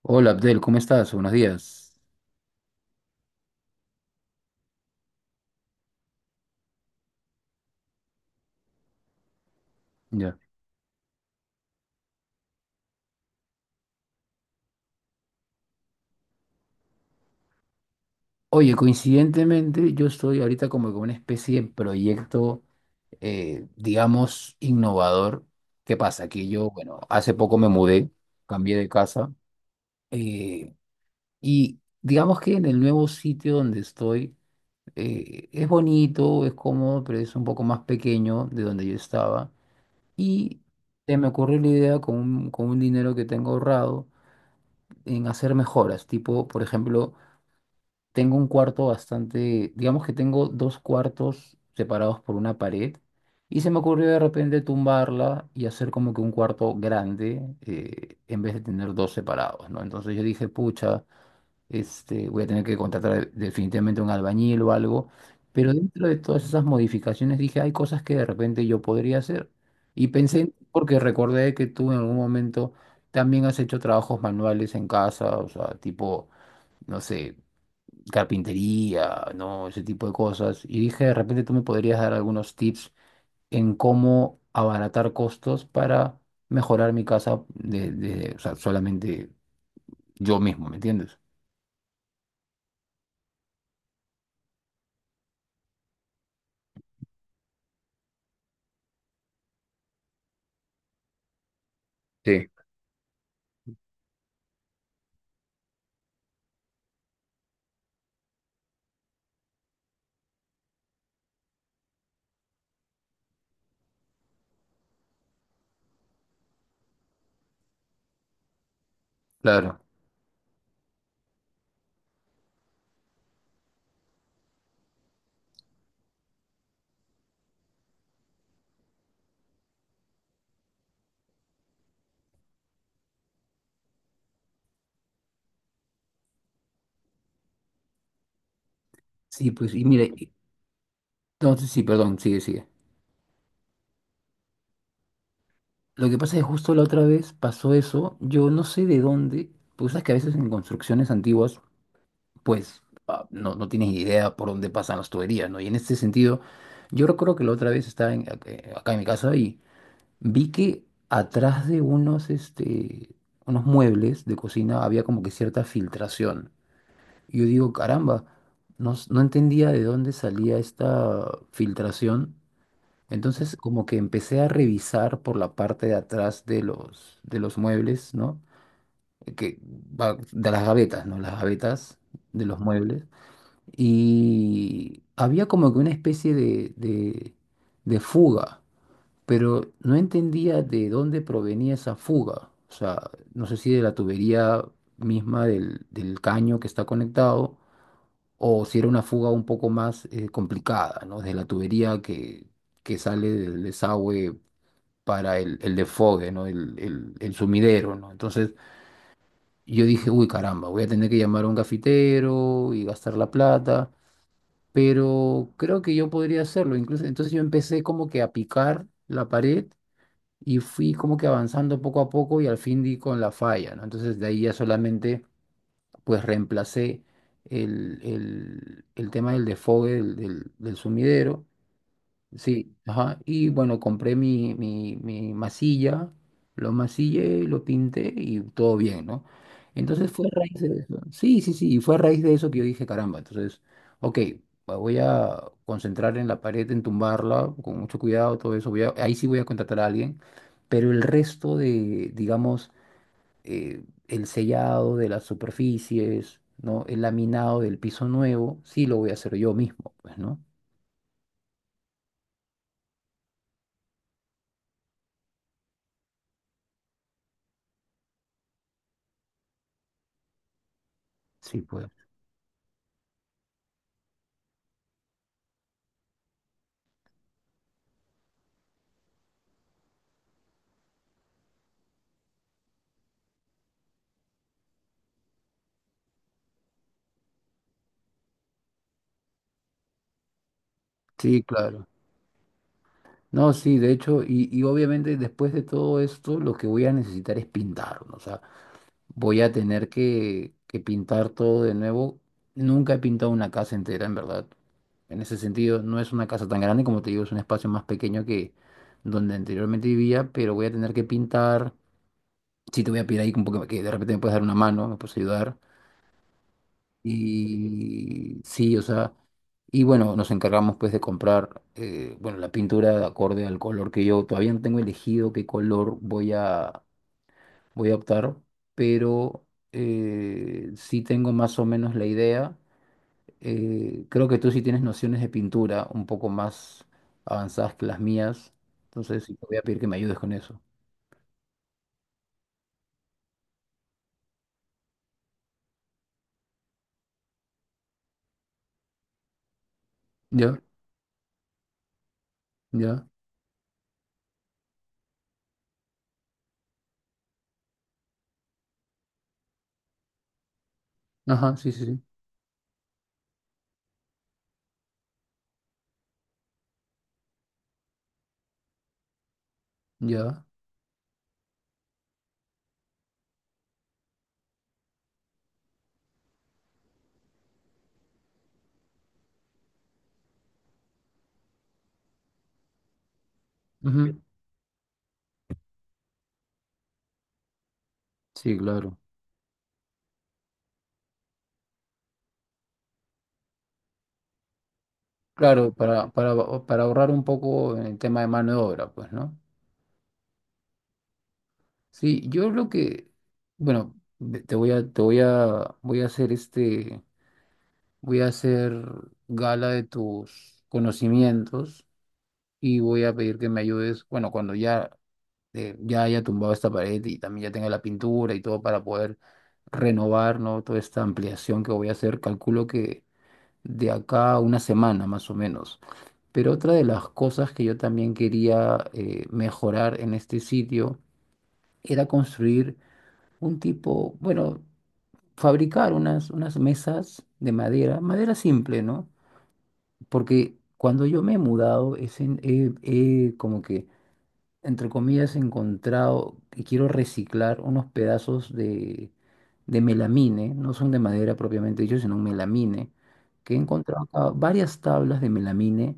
Hola Abdel, ¿cómo estás? Buenos días. Ya. Oye, coincidentemente yo estoy ahorita como con una especie de proyecto, digamos, innovador. ¿Qué pasa? Que yo, bueno, hace poco me mudé, cambié de casa eh, y digamos que en el nuevo sitio donde estoy, es bonito, es cómodo, pero es un poco más pequeño de donde yo estaba. Y se me ocurrió la idea con un dinero que tengo ahorrado en hacer mejoras, tipo, por ejemplo, tengo un cuarto bastante, digamos que tengo dos cuartos separados por una pared y se me ocurrió de repente tumbarla y hacer como que un cuarto grande, en vez de tener dos separados, ¿no? Entonces yo dije, pucha, este, voy a tener que contratar definitivamente un albañil o algo, pero dentro de todas esas modificaciones dije, hay cosas que de repente yo podría hacer. Y pensé, porque recordé que tú en algún momento también has hecho trabajos manuales en casa, o sea, tipo no sé, carpintería, ¿no? Ese tipo de cosas. Y dije, de repente tú me podrías dar algunos tips en cómo abaratar costos para mejorar mi casa o sea, solamente yo mismo, ¿me entiendes? Sí, claro. Sí, pues, y mire, no, sí, sí, perdón, sigue, sigue. Lo que pasa es que justo la otra vez pasó eso, yo no sé de dónde, pues sabes que a veces en construcciones antiguas, pues ah, no, no tienes idea por dónde pasan las tuberías, ¿no? Y en este sentido, yo recuerdo que la otra vez estaba acá en mi casa. Vi que atrás de unos, este, unos muebles de cocina había como que cierta filtración. Y yo digo, caramba, no, no entendía de dónde salía esta filtración. Entonces como que empecé a revisar por la parte de atrás de los muebles, ¿no? Que, de las gavetas, ¿no? Las gavetas de los muebles. Y había como que una especie de, de fuga, pero no entendía de dónde provenía esa fuga. O sea, no sé si de la tubería misma del, del caño que está conectado o si era una fuga un poco más, complicada, ¿no? De la tubería que sale del desagüe para el desfogue, ¿no? El sumidero, ¿no? Entonces yo dije, uy, caramba, voy a tener que llamar a un cafetero y gastar la plata. Pero creo que yo podría hacerlo. Incluso, entonces yo empecé como que a picar la pared y fui como que avanzando poco a poco y al fin di con la falla, ¿no? Entonces de ahí ya solamente pues reemplacé el, el tema del desfogue del, del sumidero. Sí, ajá. Y bueno, compré mi, mi, mi masilla, lo masillé, lo pinté y todo bien, ¿no? Entonces fue a raíz de eso. Sí, sí, sí, y fue a raíz de eso que yo dije, caramba, entonces, ok, me voy a concentrar en la pared, en tumbarla, con mucho cuidado, todo eso. Ahí sí voy a contratar a alguien, pero el resto de, digamos, el sellado de las superficies, ¿no? El laminado del piso nuevo, sí lo voy a hacer yo mismo, pues, ¿no? Sí, pues. Sí, claro. No, sí, de hecho, y obviamente después de todo esto, lo que voy a necesitar es pintar, ¿no? O sea, voy a tener que pintar todo de nuevo. Nunca he pintado una casa entera, en verdad. En ese sentido, no es una casa tan grande, como te digo, es un espacio más pequeño que donde anteriormente vivía, pero voy a tener que pintar. Sí, te voy a pedir ahí un poco que de repente me puedes dar una mano, me puedes ayudar. Y sí, o sea, y bueno, nos encargamos pues de comprar, bueno, la pintura de acorde al color que yo todavía no tengo elegido qué color voy a, voy a optar, pero, sí tengo más o menos la idea. Creo que tú sí tienes nociones de pintura un poco más avanzadas que las mías, entonces sí te voy a pedir que me ayudes con eso. Ya, ya, ajá, sí, sí, sí, ya, ujú. Sí, claro. Claro, para ahorrar un poco en el tema de mano de obra, pues, ¿no? Sí, yo lo que, bueno, te voy a, voy a hacer este, voy a hacer gala de tus conocimientos y voy a pedir que me ayudes, bueno, cuando ya, ya haya tumbado esta pared y también ya tenga la pintura y todo para poder renovar, ¿no? Toda esta ampliación que voy a hacer, calculo que de acá a una semana más o menos. Pero otra de las cosas que yo también quería, mejorar en este sitio era construir un tipo, bueno, fabricar unas, unas mesas de madera, madera simple, ¿no? Porque cuando yo me he mudado, es en- he he como que entre comillas, encontrado que quiero reciclar unos pedazos de melamine, no son de madera propiamente dicho, sino un melamine, que he encontrado acá varias tablas de melamine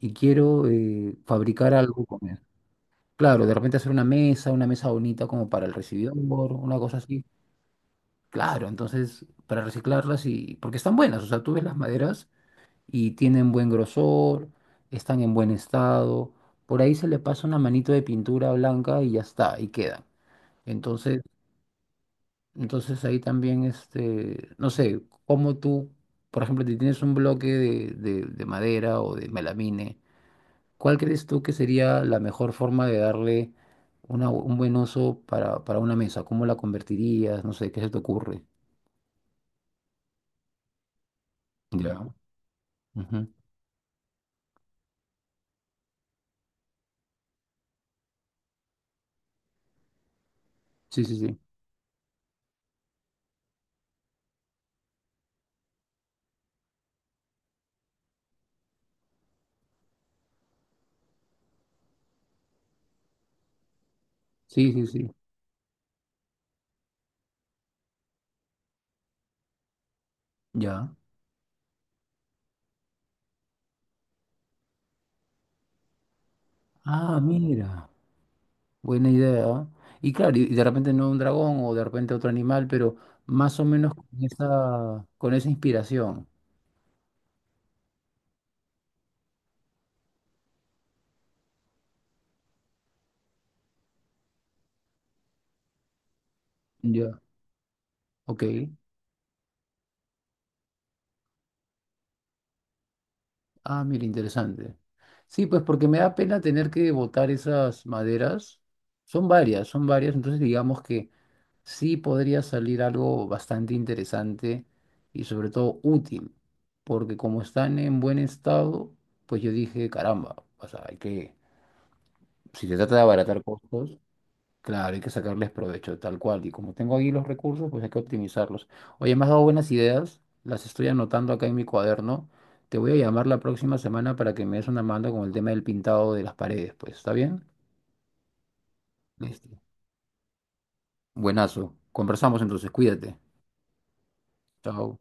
y quiero, fabricar algo con él. Claro, de repente hacer una mesa bonita como para el recibidor, una cosa así. Claro, entonces para reciclarlas y porque están buenas, o sea, tú ves las maderas y tienen buen grosor, están en buen estado. Por ahí se le pasa una manito de pintura blanca y ya está, y queda. Entonces, entonces ahí también, este, no sé, como tú, por ejemplo, si tienes un bloque de, de madera o de melamine, ¿cuál crees tú que sería la mejor forma de darle un buen uso para una mesa? ¿Cómo la convertirías? No sé, ¿qué se te ocurre? Ya. Ujú. Sí, sí, sí. Sí, sí, sí. Ya. Ah, mira. Buena idea. Y claro, y de repente no un dragón o de repente otro animal, pero más o menos con esa inspiración. Ya. Ok. Ah, mira, interesante. Sí, pues porque me da pena tener que botar esas maderas. Son varias, entonces digamos que sí podría salir algo bastante interesante y sobre todo útil, porque como están en buen estado, pues yo dije, caramba, o sea, hay que, si se trata de abaratar costos. Claro, hay que sacarles provecho, tal cual. Y como tengo ahí los recursos, pues hay que optimizarlos. Oye, me has dado buenas ideas, las estoy anotando acá en mi cuaderno. Te voy a llamar la próxima semana para que me des una mano con el tema del pintado de las paredes, pues, ¿está bien? Listo. Buenazo. Conversamos entonces, cuídate. Chao.